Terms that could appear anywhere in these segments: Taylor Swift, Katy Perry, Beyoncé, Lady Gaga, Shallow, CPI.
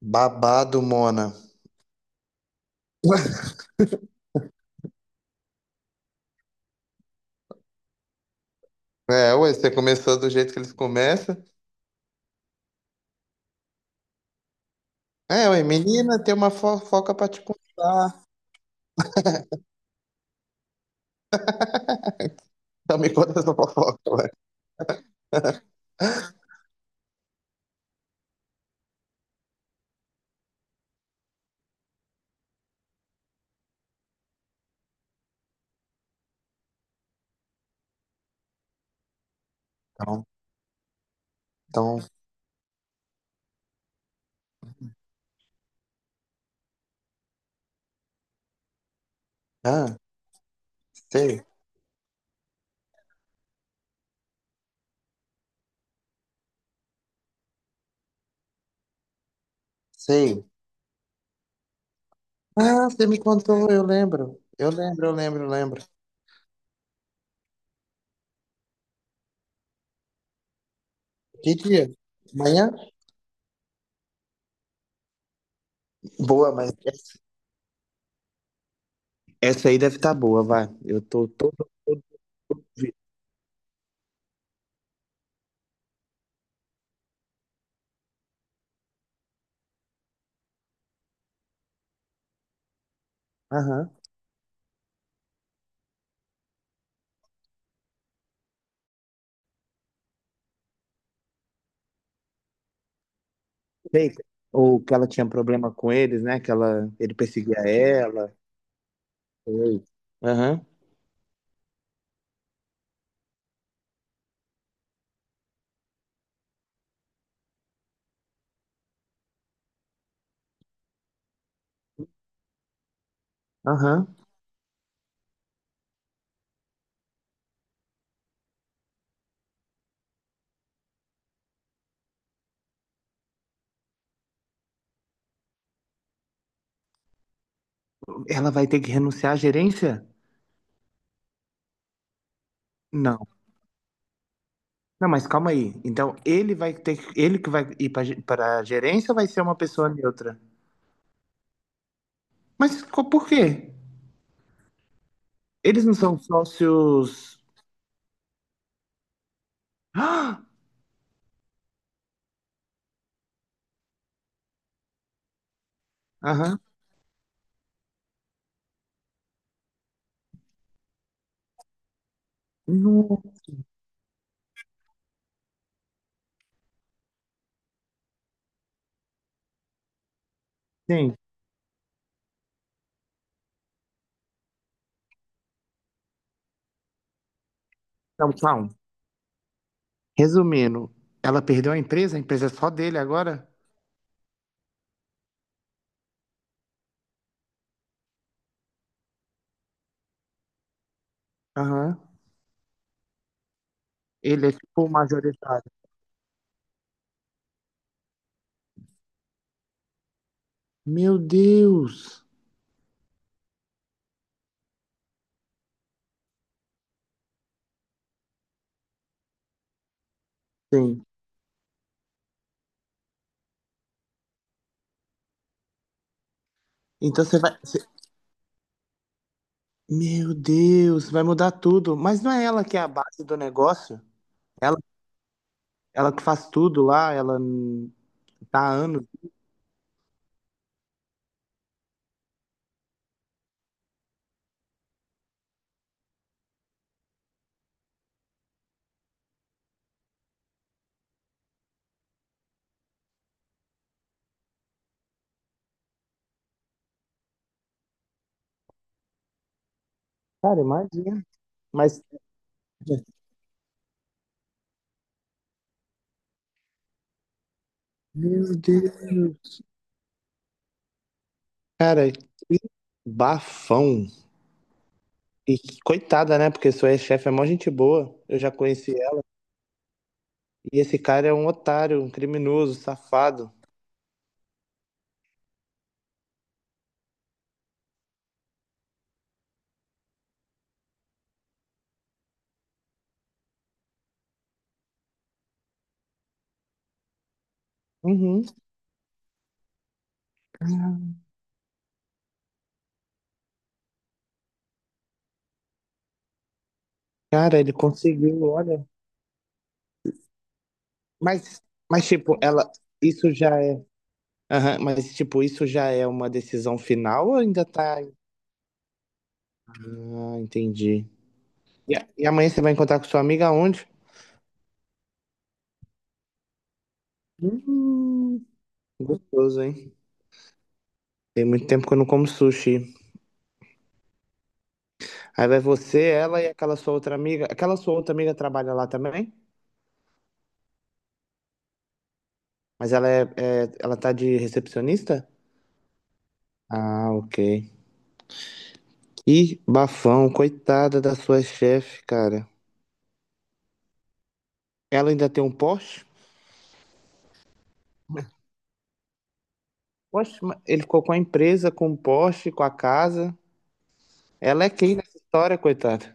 Babado, Mona. Você começou do jeito que eles começam. Menina, tem uma fofoca pra te contar. Então me conta essa fofoca, ué. Então, então, ah, sei, sei. Ah, você me contou, eu lembro. Eu lembro. Que dia? Amanhã? Boa, mas essa aí deve estar boa, vai. Eu tô todo aham. Sei. Ou que ela tinha problema com eles, né? Ele perseguia ela. Sei. Aham. Aham. Ela vai ter que renunciar à gerência? Não. Não, mas calma aí. Então, ele que vai ir para a gerência ou vai ser uma pessoa neutra? Por quê? Eles não são sócios. Ah! Aham. Não. Sim. Não, calma. Resumindo, ela perdeu a empresa é só dele agora? Aham. Ele é tipo o majoritário. Meu Deus! Sim. Então você vai. você- Meu Deus, vai mudar tudo. Mas não é ela que é a base do negócio? Ela, ela que faz tudo lá, tá há anos. Cara, imagina. Mas. Meu Deus! Cara, que bafão. E que coitada, né? Porque sua ex-chefe é mó gente boa. Eu já conheci ela. E esse cara é um otário, um criminoso, safado. Uhum. Cara, ele conseguiu, olha. Mas, mas tipo, ela, isso já é. Aham, mas, tipo, isso já é uma decisão final ou ainda tá. Ah, entendi. E amanhã você vai encontrar com sua amiga aonde? Hum, gostoso, hein? Tem muito tempo que eu não como sushi. Aí vai você, ela e aquela sua outra amiga. Aquela sua outra amiga trabalha lá também? Ela tá de recepcionista? Ah, ok. Ih, bafão, coitada da sua chefe, cara. Ela ainda tem um Porsche? Poxa, mas ele ficou com a empresa, com o Porsche, com a casa. Ela é quem nessa história, coitada?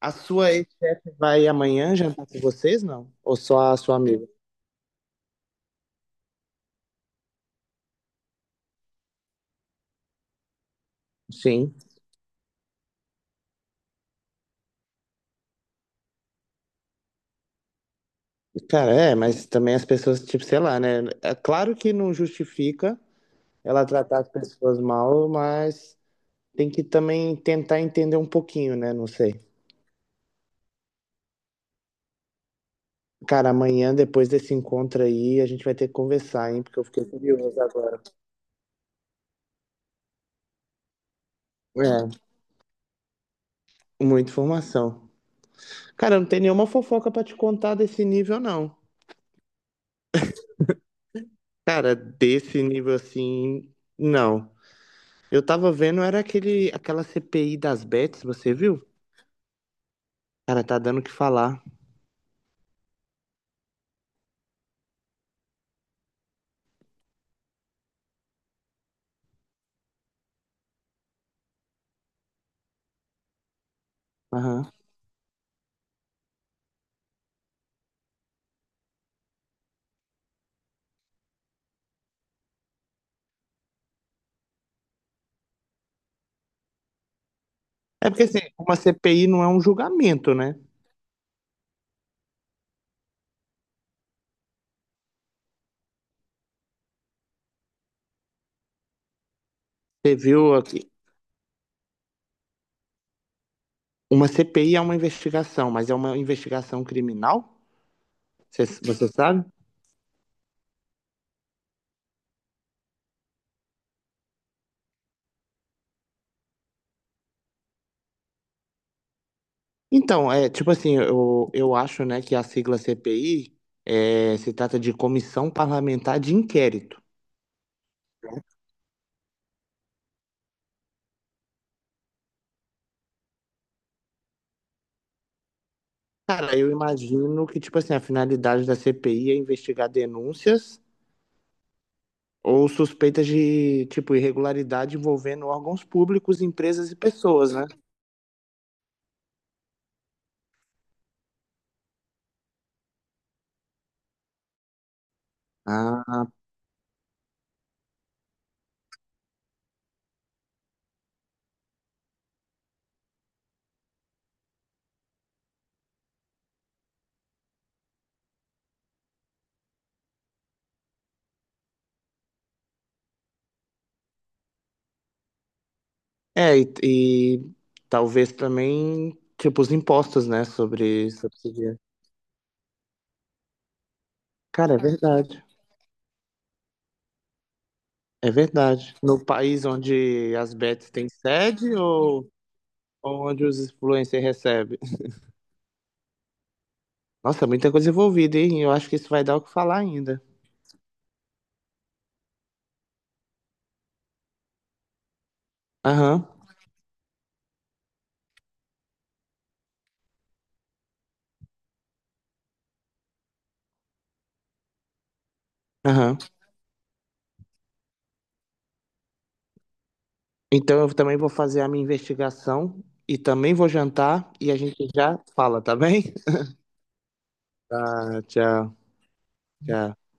A sua ex-chefe vai amanhã jantar com vocês, não? Ou só a sua amiga? Sim. Cara, é, mas também as pessoas, tipo, sei lá, né? É claro que não justifica ela tratar as pessoas mal, mas tem que também tentar entender um pouquinho, né? Não sei. Cara, amanhã, depois desse encontro aí, a gente vai ter que conversar, hein? Porque eu fiquei curioso agora. É, muita informação. Cara, não tem nenhuma fofoca pra te contar desse nível, não. Cara, desse nível assim, não. Eu tava vendo, era aquela CPI das bets, você viu? Cara, tá dando o que falar. Aham. É porque assim, uma CPI não é um julgamento, né? Você viu aqui? Uma CPI é uma investigação, mas é uma investigação criminal? Você sabe? Então, é tipo assim, eu acho, né, que a sigla CPI é, se trata de Comissão Parlamentar de Inquérito. Cara, eu imagino que, tipo assim, a finalidade da CPI é investigar denúncias ou suspeitas de, tipo, irregularidade envolvendo órgãos públicos, empresas e pessoas, né? Ah, é, e, e talvez também, tipo, os impostos, né, sobre esse dinheiro. Cara, é verdade. É verdade. No país onde as bets têm sede ou onde os influencers recebem? Nossa, muita coisa envolvida, hein? Eu acho que isso vai dar o que falar ainda. Aham, aham. Então eu também vou fazer a minha investigação e também vou jantar e a gente já fala, tá bem? Tá, tchau, tchau.